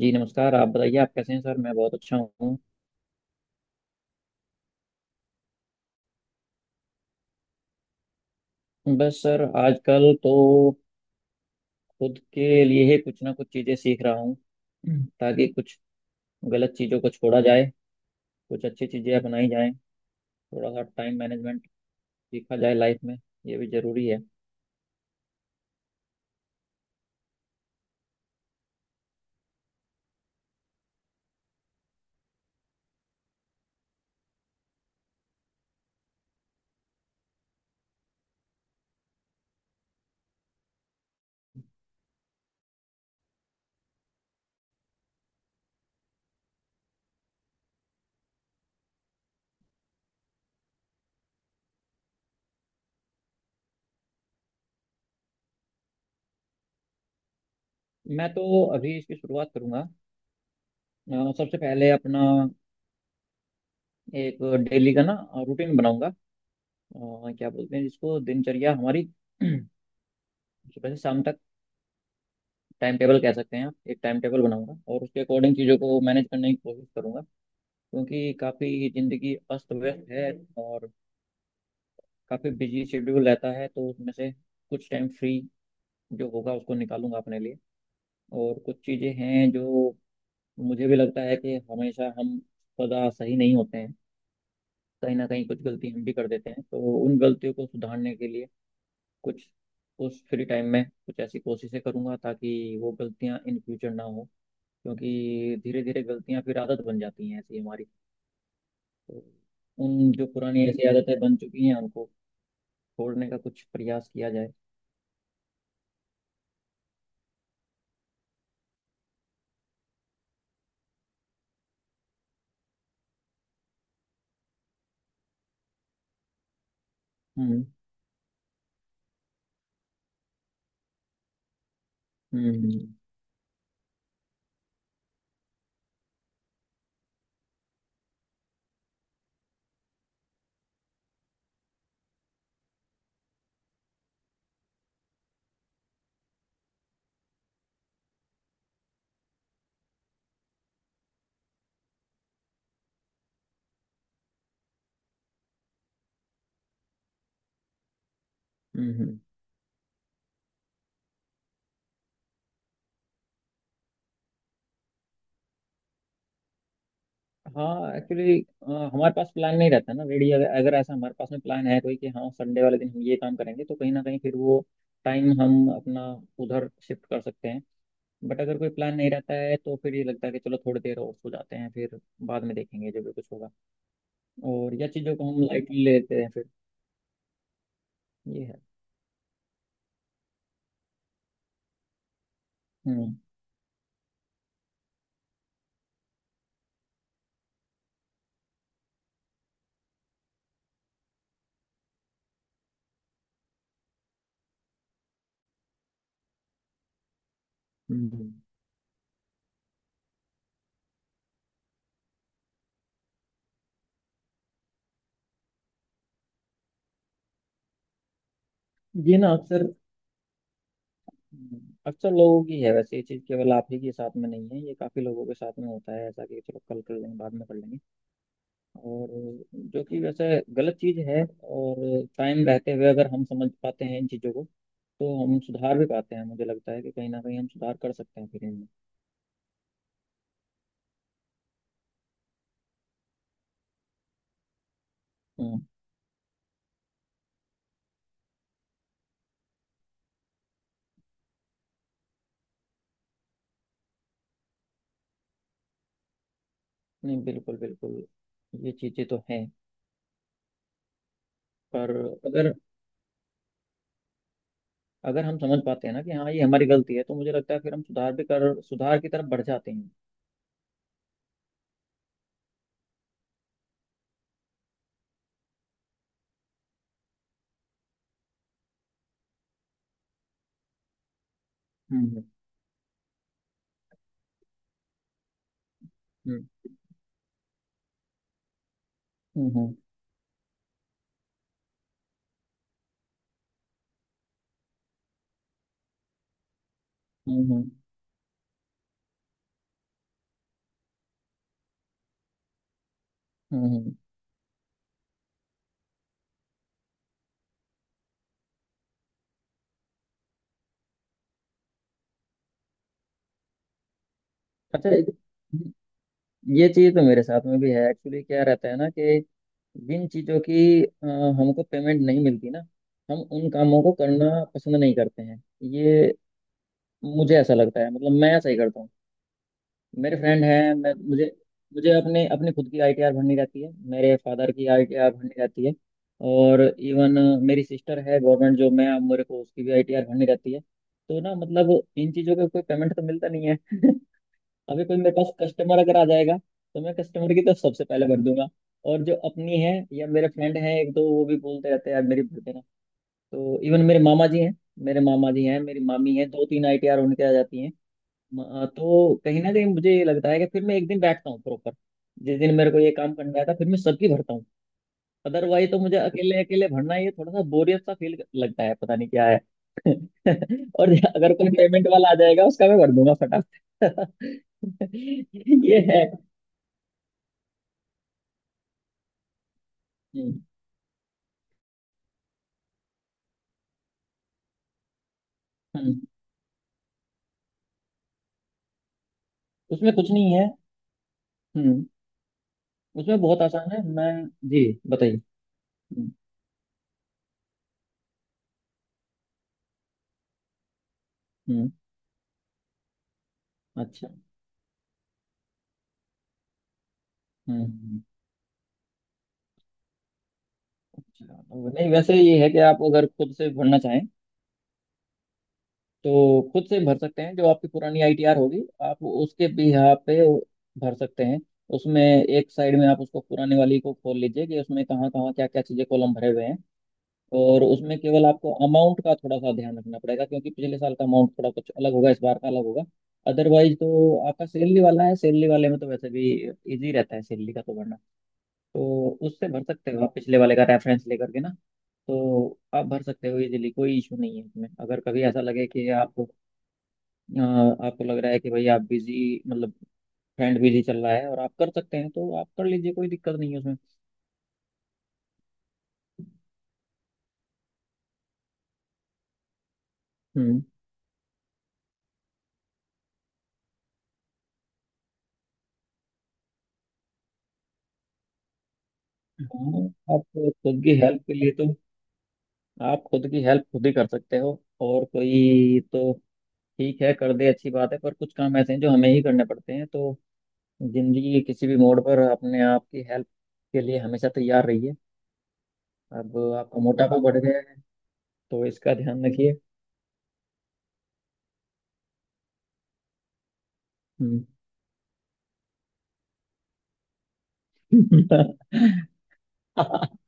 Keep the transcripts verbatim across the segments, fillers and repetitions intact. जी नमस्कार। आप बताइए आप कैसे हैं सर? मैं बहुत अच्छा हूँ। बस सर आजकल तो खुद के लिए ही कुछ ना कुछ चीज़ें सीख रहा हूँ, ताकि कुछ गलत चीज़ों को छोड़ा जाए, कुछ अच्छी चीज़ें अपनाई जाएं। थोड़ा सा टाइम मैनेजमेंट सीखा जाए लाइफ में। ये भी ज़रूरी है। मैं तो अभी इसकी शुरुआत करूँगा। अ, सबसे पहले अपना एक डेली का ना रूटीन बनाऊंगा। अ, क्या बोलते हैं जिसको, दिनचर्या हमारी सुबह से शाम तक। टाइम टेबल कह सकते हैं आप। एक टाइम टेबल बनाऊंगा और उसके अकॉर्डिंग चीज़ों को मैनेज करने की कोशिश करूंगा। क्योंकि काफ़ी ज़िंदगी अस्त व्यस्त है और काफ़ी बिजी शेड्यूल रहता है, तो उसमें से कुछ टाइम फ्री जो होगा उसको निकालूंगा अपने लिए। और कुछ चीज़ें हैं जो मुझे भी लगता है कि हमेशा हम सदा सही नहीं होते हैं। कहीं ना कहीं कुछ गलती हम भी कर देते हैं, तो उन गलतियों को सुधारने के लिए कुछ, उस फ्री टाइम में कुछ ऐसी कोशिशें करूंगा ताकि वो गलतियां इन फ्यूचर ना हो। क्योंकि धीरे धीरे गलतियां फिर आदत बन जाती हैं ऐसी हमारी। तो उन जो पुरानी ऐसी आदतें बन चुकी हैं उनको छोड़ने का कुछ प्रयास किया जाए। हम्म। हम्म। हम्म। हम्म। हाँ, एक्चुअली हमारे पास प्लान नहीं रहता ना रेडी। अगर, अगर ऐसा हमारे पास में प्लान है कोई कि हाँ संडे वाले दिन हम ये काम करेंगे, तो कहीं ना कहीं फिर वो टाइम हम अपना उधर शिफ्ट कर सकते हैं। बट अगर कोई प्लान नहीं रहता है तो फिर ये लगता है कि चलो थोड़ी देर और सो जाते हैं, फिर बाद में देखेंगे जो भी कुछ होगा। और या चीज़ों को हम लाइटली लेते हैं फिर। ये है। हम्म। हम्म। ये ना अक्सर अक्सर लोगों की है वैसे। ये चीज़ केवल आप ही के साथ में नहीं है, ये काफ़ी लोगों के साथ में होता है ऐसा कि चलो कल कर लेंगे, बाद में कर लेंगे। और जो कि वैसे गलत चीज़ है। और टाइम रहते हुए अगर हम समझ पाते हैं इन चीज़ों को, तो हम सुधार भी पाते हैं। मुझे लगता है कि कहीं ना कहीं हम सुधार कर सकते हैं फिर इनमें। हम्म। नहीं बिल्कुल, बिल्कुल ये चीज़ें तो हैं। पर अगर अगर हम समझ पाते हैं ना कि हाँ ये हमारी गलती है, तो मुझे लगता है फिर हम सुधार भी कर सुधार की तरफ बढ़ जाते हैं। हम्म। हम्म। हम्म। हम्म। हम्म। हम्म। हम्म। हम्म। अच्छा, ये चीज तो मेरे साथ में भी है एक्चुअली। क्या रहता है ना कि जिन चीजों की अ, हमको पेमेंट नहीं मिलती ना, हम उन कामों को करना पसंद नहीं करते हैं। ये, मुझे ऐसा लगता है, मतलब मैं ऐसा ही करता हूँ। मेरे फ्रेंड हैं। मैं मुझे मुझे अपने अपने खुद की आईटीआर भरनी रहती है, मेरे फादर की आईटीआर भरनी रहती है। और इवन मेरी सिस्टर है गवर्नमेंट जॉब में, अब मेरे को उसकी भी आईटीआर भरनी रहती है। तो ना मतलब इन चीज़ों का कोई पेमेंट तो मिलता नहीं है। अभी कोई मेरे पास कस्टमर अगर आ जाएगा तो मैं कस्टमर की तरफ सबसे पहले भर दूंगा। और जो अपनी है, या मेरे फ्रेंड है एक दो, वो भी बोलते रहते हैं यार मेरी भर देना। तो इवन मेरे मामा जी हैं मेरे मामा जी हैं, मेरी मामी है, दो तीन आईटीआर उनके आ जाती हैं। म- तो कहीं ना कहीं मुझे ये लगता है कि फिर मैं एक दिन बैठता हूँ प्रॉपर, जिस दिन मेरे को ये काम करना है था, फिर मैं सबकी भरता हूँ। अदरवाइज तो मुझे अकेले अकेले भरना ये थोड़ा सा बोरियत सा फील लगता है, पता नहीं क्या है। और अगर कोई पेमेंट वाला आ जाएगा उसका मैं भर दूंगा फटाफट। ये है। हम्म। हम्म। उसमें कुछ नहीं है। हम्म। उसमें बहुत आसान है। मैं जी बताइए। हम्म। हम्म। अच्छा। हम्म। हम्म। अच्छा, नहीं वैसे ये है कि आप अगर खुद से भरना चाहें तो खुद से भर सकते हैं। जो आपकी पुरानी आईटीआर होगी आप उसके भी यहाँ पे भर सकते हैं। उसमें एक साइड में आप उसको पुराने वाली को खोल लीजिए कि उसमें कहाँ कहाँ क्या क्या चीज़ें कॉलम भरे हुए हैं। और उसमें केवल आपको अमाउंट का थोड़ा सा ध्यान रखना पड़ेगा, क्योंकि पिछले साल का अमाउंट थोड़ा कुछ अलग होगा, इस बार का अलग होगा। अदरवाइज तो आपका सैलरी वाला है, सैलरी वाले में तो वैसे भी इजी रहता है, सैलरी का तो भरना। तो उससे भर सकते हो आप पिछले वाले का रेफरेंस लेकर के ना। तो आप भर सकते हो इजीली, कोई इशू नहीं है इसमें। अगर कभी ऐसा लगे कि आप, अ, आपको लग रहा है कि भाई आप बिजी, मतलब फ्रेंड बिजी चल रहा है, और आप कर सकते हैं, तो आप कर लीजिए, कोई दिक्कत नहीं है उसमें। हम्म। हाँ। आप खुद की हेल्प के लिए तो आप खुद की हेल्प खुद ही कर सकते हो। और कोई तो ठीक है कर दे, अच्छी बात है, पर कुछ काम ऐसे हैं जो हमें ही करने पड़ते हैं। तो जिंदगी के किसी भी मोड़ पर अपने आप की हेल्प के लिए हमेशा तैयार रहिए। अब आपका मोटापा बढ़ गया है, तो इसका ध्यान रखिए। हम्म।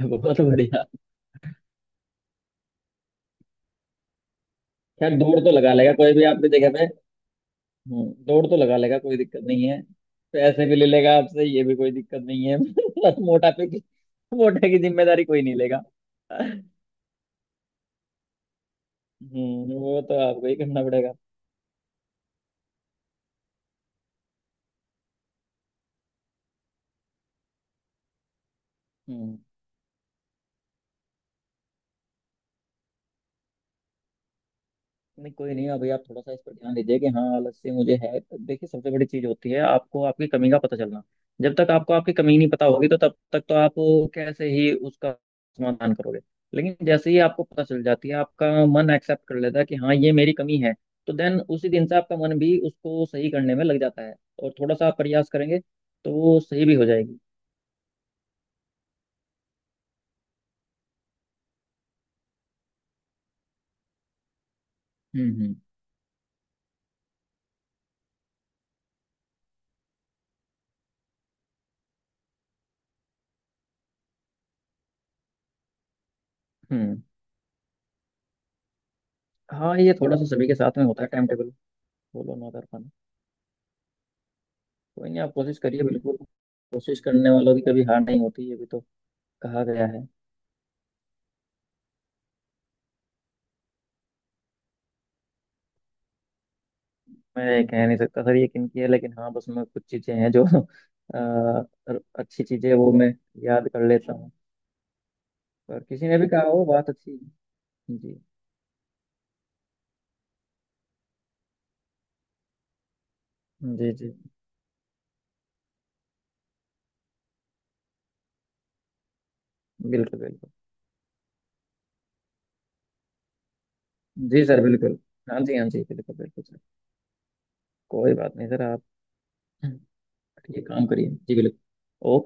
बहुत बढ़िया। खैर दौड़ तो लगा लेगा कोई भी आपकी जगह पे। हम्म, दौड़ तो लगा लेगा कोई दिक्कत नहीं है। पैसे भी ले लेगा आपसे, ये भी कोई दिक्कत नहीं है। बस मोटापे की मोटे की जिम्मेदारी कोई नहीं लेगा। हम्म। वो तो आपको ही करना पड़ेगा। हम्म। नहीं कोई नहीं, अभी आप थोड़ा सा इस पर ध्यान दीजिए कि हाँ आलस से मुझे है, तो देखिए, सबसे बड़ी चीज होती है आपको आपकी कमी का पता चलना। जब तक आपको आपकी कमी नहीं पता होगी तो तब तक तो आप कैसे ही उसका समाधान करोगे। लेकिन जैसे ही आपको पता चल जाती है, आपका मन एक्सेप्ट कर लेता है कि हाँ ये मेरी कमी है, तो देन उसी दिन से आपका मन भी उसको सही करने में लग जाता है। और थोड़ा सा आप प्रयास करेंगे तो वो सही भी हो जाएगी। हम्म। हम्म। हम्म। हाँ ये थोड़ा सा सभी के साथ में होता है टाइम टेबल। बोलो ना कर। कोई नहीं, आप कोशिश करिए बिल्कुल। कोशिश करने वालों की कभी हार नहीं होती, ये भी तो कहा गया है। मैं ये कह नहीं सकता सर ये किनकी है, लेकिन हाँ बस मैं कुछ चीज़ें हैं जो अ, अच्छी चीज़ें वो मैं याद कर लेता हूँ। और किसी ने भी कहा हो, बात अच्छी है। जी। जी। जी बिल्कुल। बिल्कुल। जी सर बिल्कुल। हाँ जी। हाँ जी बिल्कुल बिल्कुल सर। कोई बात नहीं सर आप। ये काम करिए जी बिल्कुल। ओके।